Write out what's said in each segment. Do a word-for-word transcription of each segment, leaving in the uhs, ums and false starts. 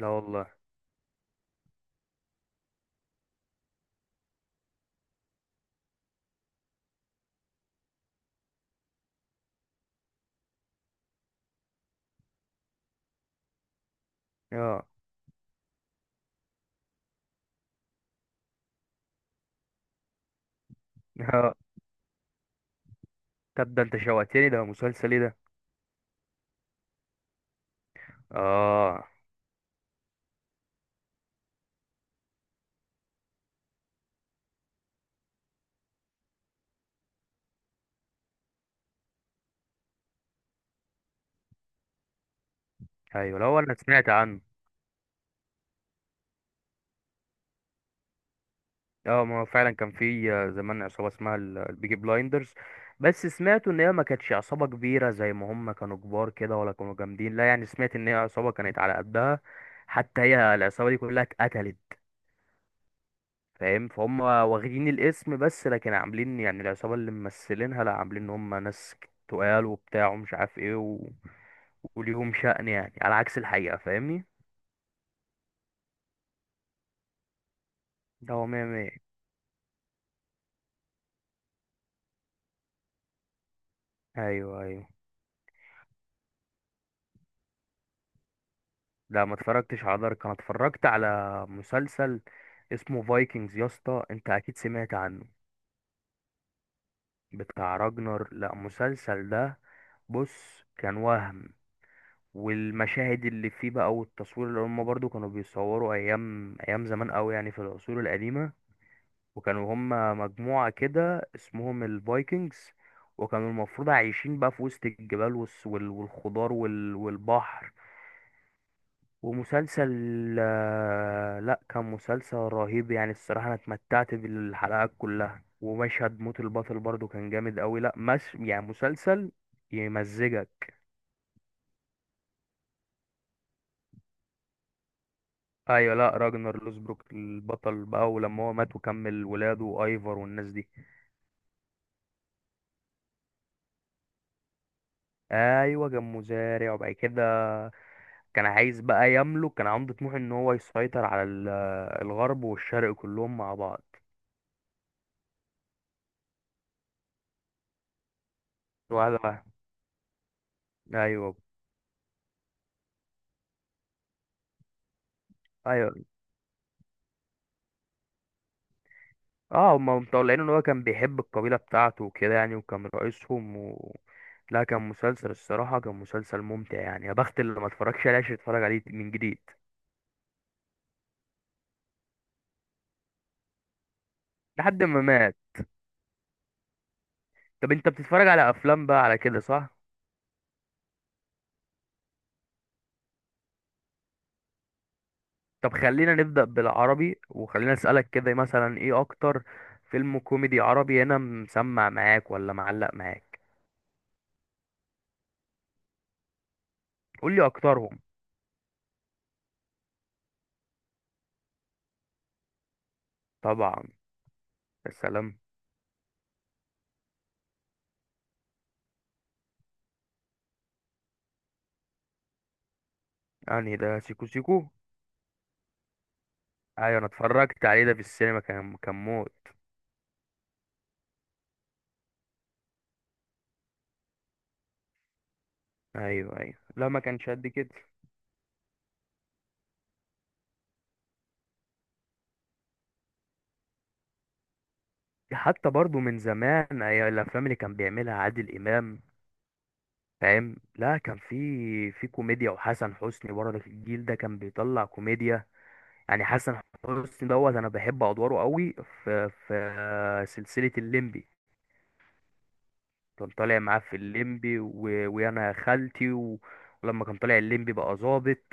لا والله. اه اه، طب ده انت شوقتني، ده مسلسل ايه ده؟ اه ايوه، لا هو انا سمعت عنه. اه ما هو فعلا كان في آه، زمان عصابه اسمها ال- البيجي بلايندرز. بس سمعت ان هي ما كانتش عصابه كبيره زي ما هم كانوا كبار كده، ولا كانوا جامدين، لا يعني سمعت ان هي عصابه كانت على قدها. حتى هي العصابه دي كلها اتقتلت. فاهم؟ فهم واخدين الاسم بس، لكن عاملين يعني العصابة اللي ممثلينها، لا عاملين ان هم ناس تقال وبتاع ومش عارف ايه و... وليهم شأن يعني، على عكس الحقيقة فاهمني. ده هو مية مية. ايوه ايوه. لا ما اتفرجتش على دارك، انا اتفرجت على مسلسل اسمه فايكنجز، يا اسطى انت اكيد سمعت عنه، بتاع راجنر. لا المسلسل ده، بص كان وهم، والمشاهد اللي فيه بقى والتصوير، اللي هم برضو كانوا بيصوروا ايام ايام زمان قوي، يعني في العصور القديمة. وكانوا هم مجموعة كده اسمهم الفايكنجز، وكانوا المفروض عايشين بقى في وسط الجبال والس- وال- والخضار وال- والبحر. ومسلسل آه، لا كان مسلسل رهيب يعني الصراحة، انا اتمتعت بالحلقات كلها، ومشهد موت البطل برضو كان جامد قوي. لا مش يعني مسلسل يمزجك. ايوه، لا راجنر لوسبروك البطل بقى، ولما هو مات وكمل ولاده وايفر والناس دي. ايوه كان مزارع، وبعد كده كان عايز بقى يملك، كان عنده طموح ان هو يسيطر على ال- الغرب والشرق كلهم مع بعض. واحدة واحدة. ايوه ايوه. اه هما مطلعين ان هو كان بيحب القبيلة بتاعته وكده يعني، وكان رئيسهم و... لا كان مسلسل الصراحة، كان مسلسل ممتع يعني، يا بخت اللي ما اتفرجش عليه عشان يتفرج عليه من جديد. لحد ما مات. طب انت بتتفرج على افلام بقى على كده صح؟ طب خلينا نبدأ بالعربي، وخلينا اسألك كده مثلا، ايه اكتر فيلم كوميدي عربي هنا مسمع معاك ولا معلق معاك؟ قول لي اكترهم. طبعا. يا سلام. يعني ده سيكو سيكو. ايوه انا اتفرجت عليه ده في السينما، كان كان موت. ايوه ايوه، لا ما كانش قد كده. حتى برضو من زمان، ايوه الافلام اللي كان بيعملها عادل امام، فاهم؟ لا كان في في كوميديا، وحسن حسني برضه في الجيل ده كان بيطلع كوميديا. يعني حسن حسني دوت، انا بحب ادواره قوي في في سلسلة الليمبي. كان طالع معاه في الليمبي و... ويانا يا خالتي و... ولما كان طالع الليمبي بقى ظابط،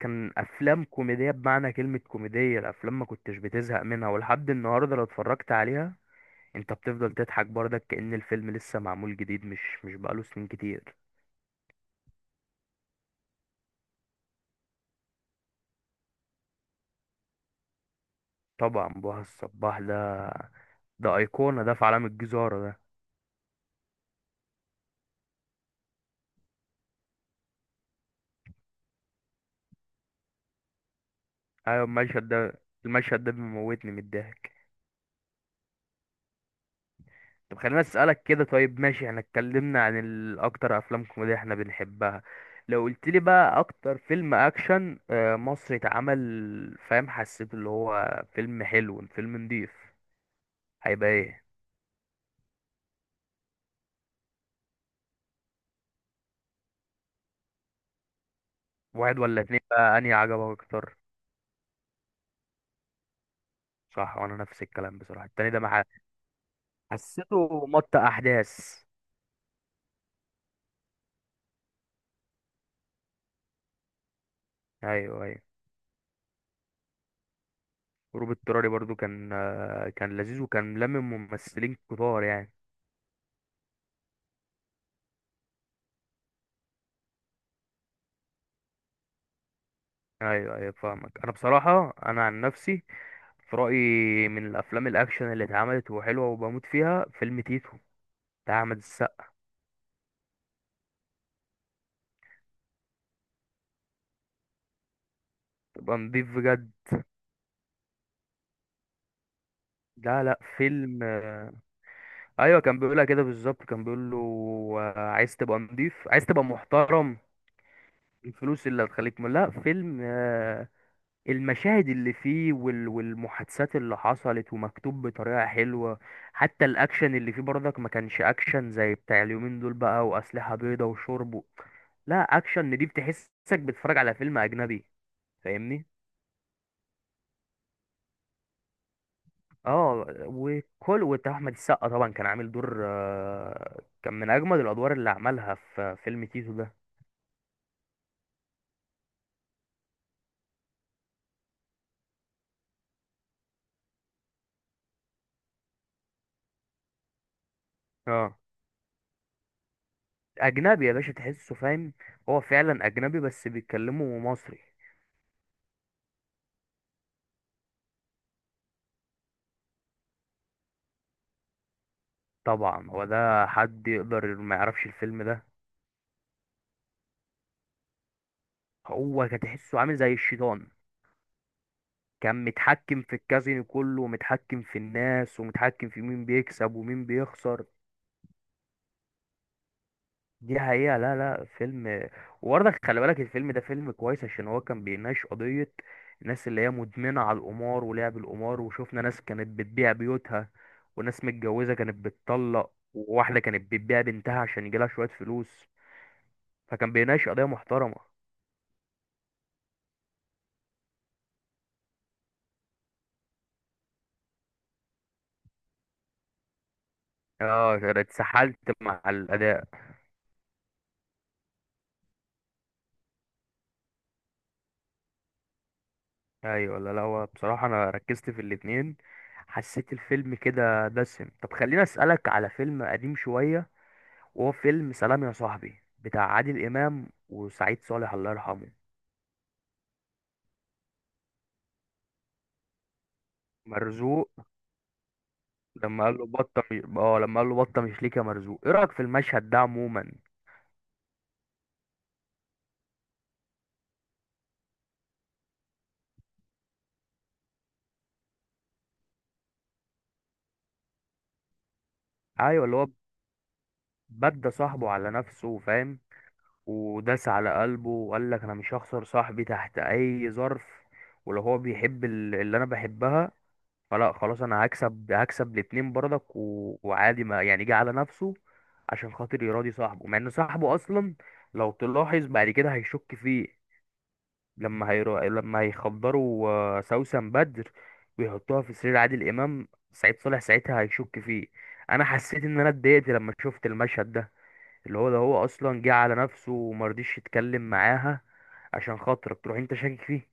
كان افلام كوميديه بمعنى كلمه كوميديه، الافلام ما كنتش بتزهق منها، ولحد النهارده لو اتفرجت عليها انت بتفضل تضحك برضك، كأن الفيلم لسه معمول جديد، مش مش بقاله سنين كتير. طبعا بهاء الصباح ده، ده ايقونه ده في عالم الجزاره ده. ايوه المشهد ده، المشهد ده بيموتني من الضحك. طب خليني اسالك كده، طيب ماشي احنا اتكلمنا عن ال- اكتر افلام كوميديا احنا بنحبها، لو قلت لي بقى اكتر فيلم اكشن آه، مصري اتعمل، فاهم؟ حسيت اللي هو فيلم حلو، فيلم نضيف، هيبقى ايه؟ واحد ولا اتنين بقى انهي عجبك اكتر؟ صح، وانا نفس الكلام بصراحه التاني ده مع حسيته مط احداث. ايوه ايوه. هروب اضطراري برضو كان آه، كان لذيذ وكان لمم ممثلين كتار يعني. ايوه ايوه فاهمك. انا بصراحه انا عن نفسي في رأيي من الأفلام الأكشن اللي اتعملت وحلوة وبموت فيها فيلم تيتو بتاع أحمد السقا. تبقى نضيف بجد. لا لا فيلم آه، أيوة كان بيقولها كده بالظبط، كان بيقول له آه، عايز تبقى نضيف، عايز تبقى محترم. الفلوس اللي هتخليك م- لا فيلم آه، المشاهد اللي فيه وال- والمحادثات اللي حصلت، ومكتوب بطريقة حلوة. حتى الأكشن اللي فيه برضك ما كانش أكشن زي بتاع اليومين دول بقى، وأسلحة بيضة وشرب و- لا أكشن نضيف، تحسك بتتفرج على فيلم أجنبي. فاهمني؟ اه. وكل وبتاع احمد السقا طبعا كان عامل دور، آه، كان من اجمد الادوار اللي عملها في فيلم تيتو ده. اه اجنبي يا باشا تحسه، فاهم؟ هو فعلا اجنبي بس بيتكلموا مصري. طبعا هو ده، حد يقدر ما يعرفش الفيلم ده؟ هو كان تحسه عامل زي الشيطان، كان متحكم في الكازينو كله، ومتحكم في الناس، ومتحكم في مين بيكسب ومين بيخسر. دي حقيقة. لا لا فيلم، وبرضك خلي بالك الفيلم ده فيلم كويس، عشان هو كان بيناقش قضية الناس اللي هي مدمنة على القمار ولعب القمار. وشوفنا ناس كانت بتبيع بيوتها، وناس متجوزة كانت بتطلق، وواحدة كانت بتبيع بنتها عشان يجيلها شوية فلوس. فكان بيناقش قضية محترمة. اه أنا اتسحلت مع الأداء. ايوه لا لا، هو بصراحة انا ركزت في الاتنين. حسيت الفيلم كده دسم. طب خليني اسألك على فيلم قديم شوية، وهو فيلم سلام يا صاحبي بتاع عادل إمام وسعيد صالح الله يرحمه. مرزوق. لما قال له بطة مش... اه لما قال له بطة مش ليك يا مرزوق، ايه رأيك في المشهد ده عموما؟ ايوه اللي هو بدى صاحبه على نفسه، فاهم؟ وداس على قلبه، وقال لك انا مش هخسر صاحبي تحت اي ظرف، ولو هو بيحب ال- اللي انا بحبها، فلا خلاص انا هكسب هكسب الاتنين برضك و... وعادي ما يعني جه على نفسه عشان خاطر يراضي صاحبه. مع ان صاحبه اصلا لو تلاحظ بعد كده هيشك فيه، لما هيرو... لما هيخدروا آه، سوسن بدر ويحطوها في سرير عادل امام، سعيد صالح ساعتها هيشك فيه. انا حسيت ان انا اتضايقت لما شفت المشهد ده، اللي هو ده هو اصلا جه على نفسه ومرضيش يتكلم معاها، عشان خاطرك تروح انت شاكك فيه.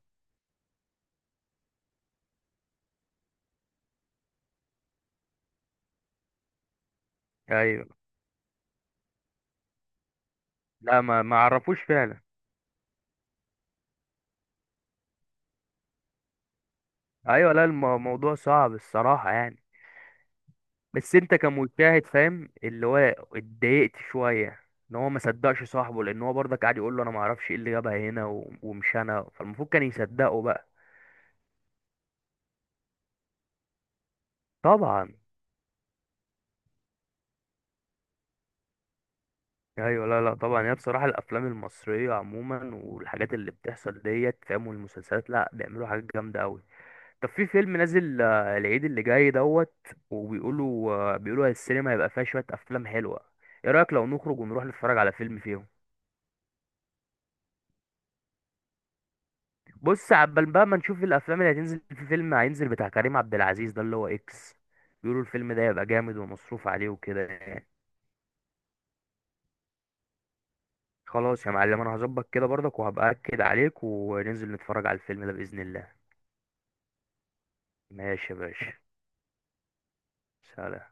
ايوه. لا ما ما عرفوش فعلا. ايوه لا الم- الموضوع صعب الصراحه يعني. بس انت كمشاهد فاهم اللي هو اتضايقت شويه ان هو ما صدقش صاحبه، لان هو برضك قاعد يقول له انا ما اعرفش ايه اللي جابها هنا و- ومش انا، فالمفروض كان يصدقه بقى. طبعا. ايوه لا لا طبعا. هي بصراحه الافلام المصريه عموما والحاجات اللي بتحصل ديت، فاهم؟ والمسلسلات، لا بيعملوا حاجات جامده قوي. طب في فيلم نازل آه، العيد اللي جاي دوت، وبيقولوا آه، بيقولوا السينما هيبقى فيها شويه افلام حلوه، ايه رايك لو نخرج ونروح نتفرج على فيلم فيهم؟ بص عبال بقى ما نشوف الافلام اللي هتنزل، في فيلم هينزل بتاع كريم عبد العزيز ده اللي هو اكس، بيقولوا الفيلم ده يبقى جامد ومصروف عليه وكده يعني. خلاص يا معلم، انا هظبط كده برضك وهبقى اكد عليك، وننزل نتفرج على الفيلم ده باذن الله. ماشي يا باشا. سلام.